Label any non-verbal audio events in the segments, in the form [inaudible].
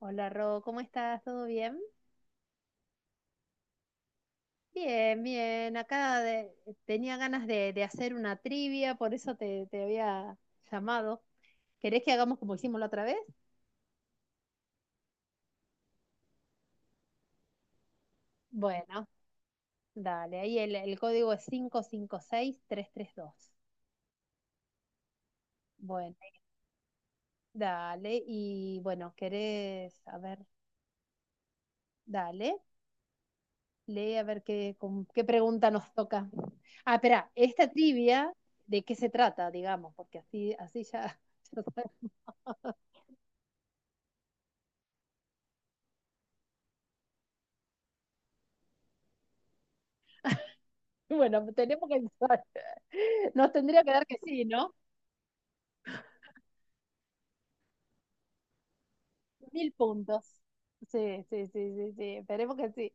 Hola Ro, ¿cómo estás? ¿Todo bien? Bien, bien. Tenía ganas de hacer una trivia, por eso te había llamado. ¿Querés que hagamos como hicimos la otra vez? Bueno, dale. Ahí el código es 5 5 6 3 3 2. Bueno, dale. Y bueno, ¿querés? A ver, dale. Lee a ver qué, con qué pregunta nos toca. Ah, espera, esta trivia, ¿de qué se trata, digamos? Porque así, así ya... [laughs] Bueno, tenemos que avisar. [laughs] Nos tendría que dar que sí, ¿no? Mil puntos. Sí, sí, sí, sí, sí. Esperemos que sí.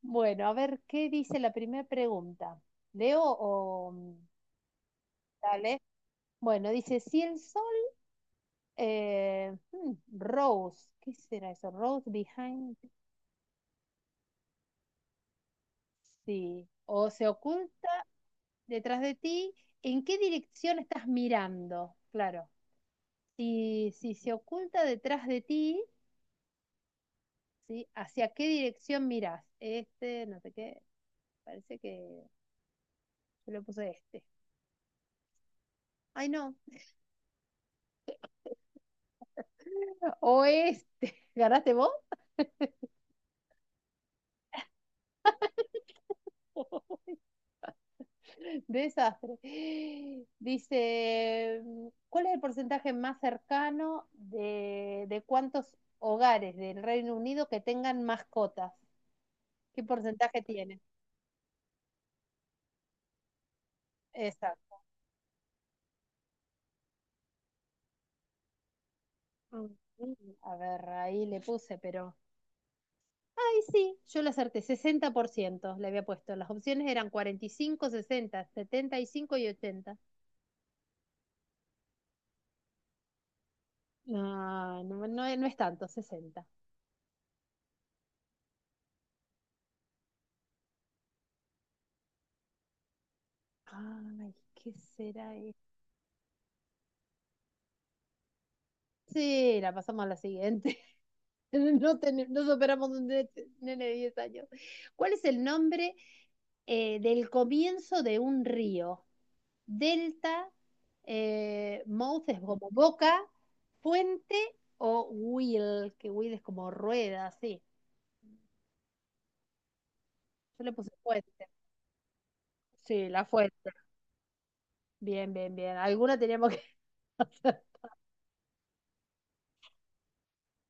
Bueno, a ver, ¿qué dice la primera pregunta? ¿Leo o...? Dale. Bueno, dice, si el sol... eh, hmm, Rose, ¿qué será eso? Rose behind... Sí, o se oculta detrás de ti, ¿en qué dirección estás mirando? Claro, si se oculta detrás de ti, ¿sí? ¿Hacia qué dirección mirás? Este, no sé qué, parece que yo le puse este. Ay, no, [laughs] o este, ¿ganaste vos? [laughs] Desastre. Dice, ¿cuál es el porcentaje más cercano de cuántos hogares del Reino Unido que tengan mascotas? ¿Qué porcentaje tiene? Exacto. A ver, ahí le puse, pero... Ay, sí, yo lo acerté, 60% le había puesto. Las opciones eran 45, 60, 70 y 80. No, no, no, no es tanto, 60. Ay, ¿qué será eso? Sí, la pasamos a la siguiente. [laughs] No, no superamos un nene de 10 años. ¿Cuál es el nombre del comienzo de un río? Delta, mouth es como boca, puente o wheel, que wheel es como rueda, sí. Yo le puse fuente. Sí, la fuente. Bien, bien, bien. Alguna teníamos que [laughs] hacer.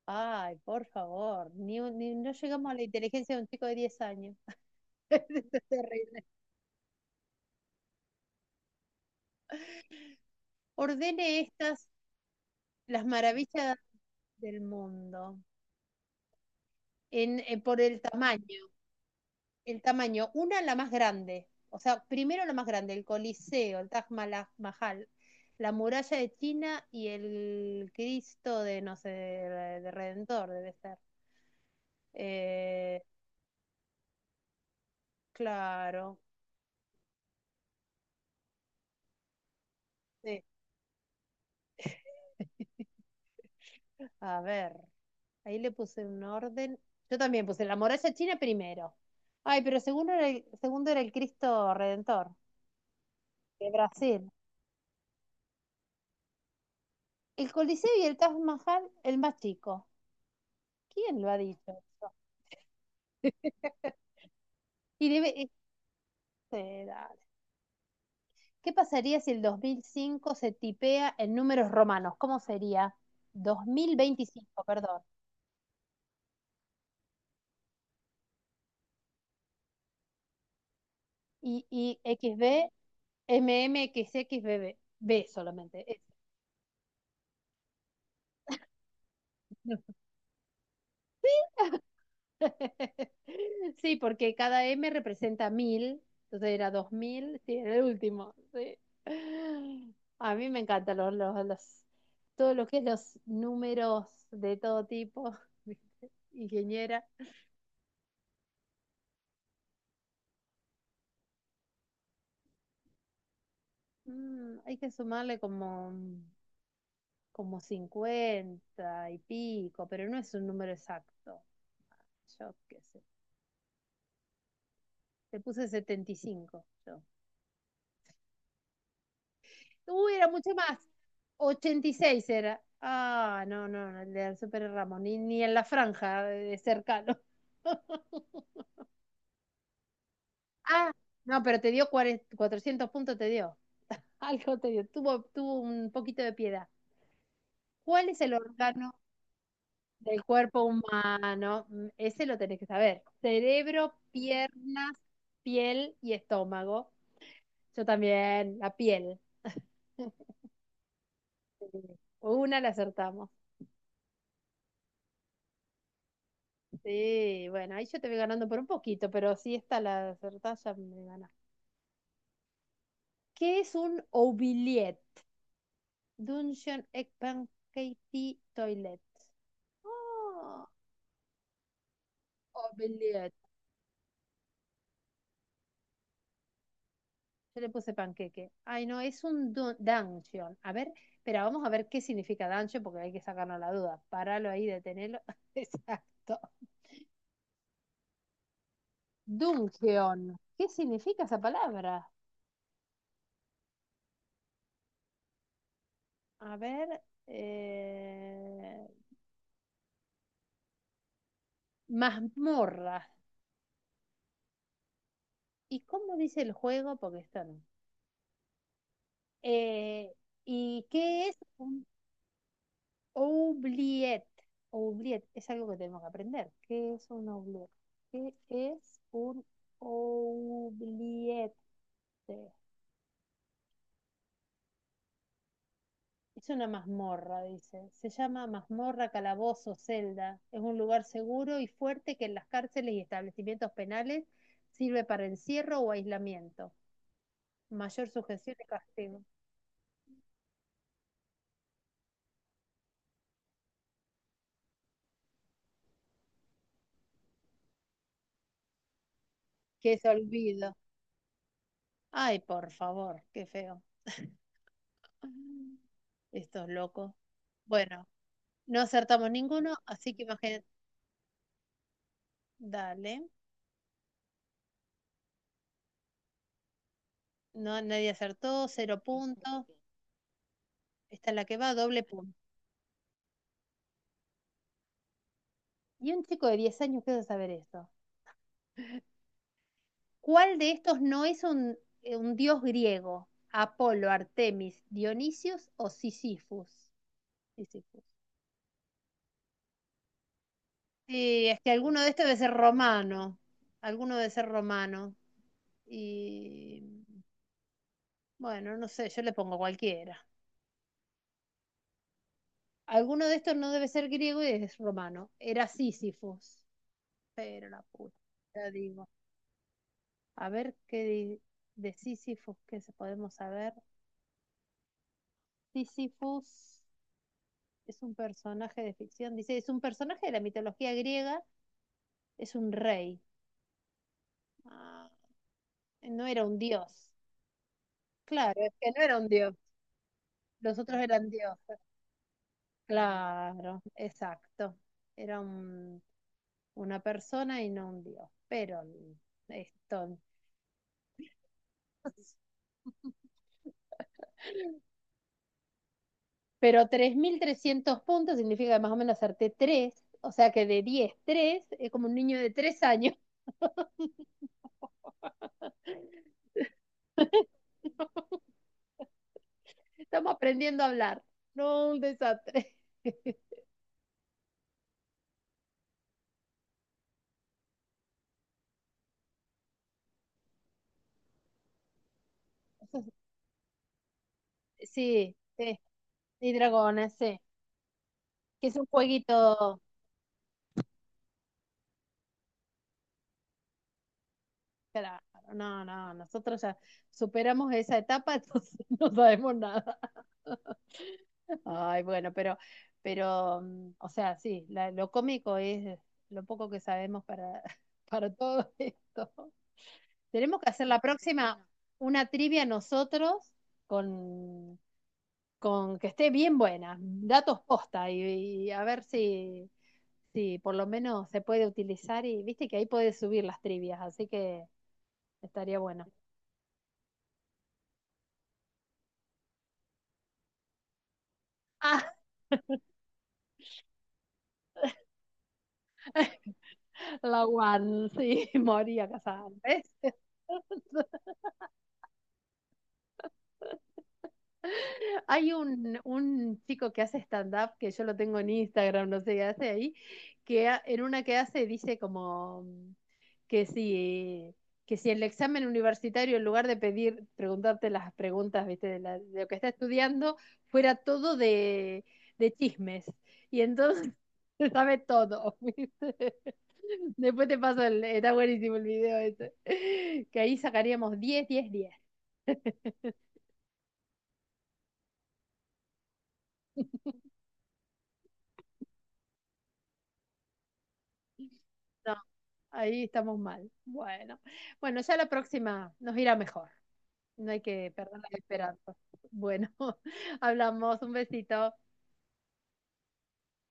Ay, por favor, ni, no llegamos a la inteligencia de un chico de 10 años. [laughs] Esto es terrible. Ordene estas, las maravillas del mundo, en, por el tamaño. El tamaño, una la más grande, o sea, primero la más grande, el Coliseo, el Taj Mahal, la muralla de China y el Cristo de, no sé, de Redentor, debe ser. Eh, claro. Sí. [laughs] A ver, ahí le puse un orden. Yo también puse la muralla china primero. Ay, pero segundo era el Cristo Redentor de Brasil. El Coliseo y el Taj Mahal, el más chico. ¿Quién lo ha dicho eso? [laughs] Y este, dale. ¿Qué pasaría si el 2005 se tipea en números romanos? ¿Cómo sería? ¿2025? Perdón. Y y x b m m x x B b b solamente. Es. [laughs] Sí, porque cada M representa mil, entonces era 2000, sí, era el último. Sí. A mí me encantan todo lo que es los números de todo tipo, [laughs] ingeniera. Hay que sumarle como, como 50 y pico, pero no es un número exacto. Yo qué sé. Te puse 75 yo. Uy, era mucho más. 86 era. Ah, no, no, no, el de Super Ramos, ni en la franja de cercano. [laughs] Ah, no, pero te dio 400 puntos, te dio. Algo te dio. Tuvo, tuvo un poquito de piedad. ¿Cuál es el órgano del cuerpo humano? Mm, ese lo tenés que saber. Cerebro, piernas, piel y estómago. Yo también, la piel. [laughs] Una la acertamos. Sí, bueno, ahí yo te voy ganando por un poquito, pero si esta la acertás ya me ganas. ¿Qué es un oubliette? Dungeon, egg, pancake, toilet. Oh, oubliette. Yo le puse panqueque. Ay, no, es un dungeon. A ver, pero vamos a ver qué significa dungeon porque hay que sacarnos la duda. Paralo ahí, detenelo. [laughs] Exacto. Dungeon. ¿Qué significa esa palabra? A ver. eh, Mazmorras. ¿Y cómo dice el juego? Porque está no. Eh, ¿Y qué es un oubliette? Oubliette es algo que tenemos que aprender. ¿Qué es un oubliette? ¿Qué es un oubliette? Es una mazmorra, dice. Se llama mazmorra, calabozo, celda. Es un lugar seguro y fuerte que en las cárceles y establecimientos penales sirve para encierro o aislamiento. Mayor sujeción y castigo. ¿Qué es olvido? Ay, por favor, qué feo. [laughs] Estos locos. Bueno, no acertamos ninguno, así que imagínate. Dale. No, nadie acertó, cero puntos. Esta es la que va, doble punto. Y un chico de 10 años quiere saber esto. ¿Cuál de estos no es un dios griego? ¿Apolo, Artemis, Dionisios o Sísifus? Sísifus. Sí, es que alguno de estos debe ser romano. Alguno debe ser romano. Y bueno, no sé, yo le pongo cualquiera. Alguno de estos no debe ser griego y es romano. Era Sísifos. Pero la puta, ya digo. A ver qué de Sísifos que se podemos saber. Sísifos es un personaje de ficción. Dice, es un personaje de la mitología griega, es un rey. Ah, no era un dios. Claro, es que no era un dios. Los otros eran dioses. Claro, exacto. Era un una persona y no un dios. Pero esto. Pero 3300 puntos significa que más o menos acerté tres, o sea que de 10 3 es como un niño de tres años. [laughs] Estamos aprendiendo a hablar, no un desastre. [laughs] Sí, sí, y dragones, sí, que es un jueguito. Claro, no, no, nosotros ya superamos esa etapa, [laughs] entonces no sabemos nada. Ay, bueno, pero, o sea, sí, lo cómico es lo poco que sabemos para, [laughs] para todo esto. Tenemos que hacer la próxima una trivia nosotros con, con que esté bien buena, datos posta y a ver si, si por lo menos se puede utilizar y viste que ahí puedes subir las trivias, así que estaría bueno. [laughs] Ah, la One, sí, [laughs] moría casada, ¿ves? Hay un chico que hace stand-up, que yo lo tengo en Instagram, no sé qué hace ahí, que en una que hace dice como que si, que si el examen universitario, en lugar de pedir, preguntarte las preguntas, viste, de, de lo que está estudiando, fuera todo de chismes. Y entonces [laughs] se sabe todo, [laughs] ¿viste? Después te paso el, está buenísimo el video ese. Que ahí sacaríamos 10 10 10 ahí estamos mal. Bueno, bueno, ya la próxima nos irá mejor. No hay que perder la esperanza. Bueno, [laughs] hablamos. Un besito.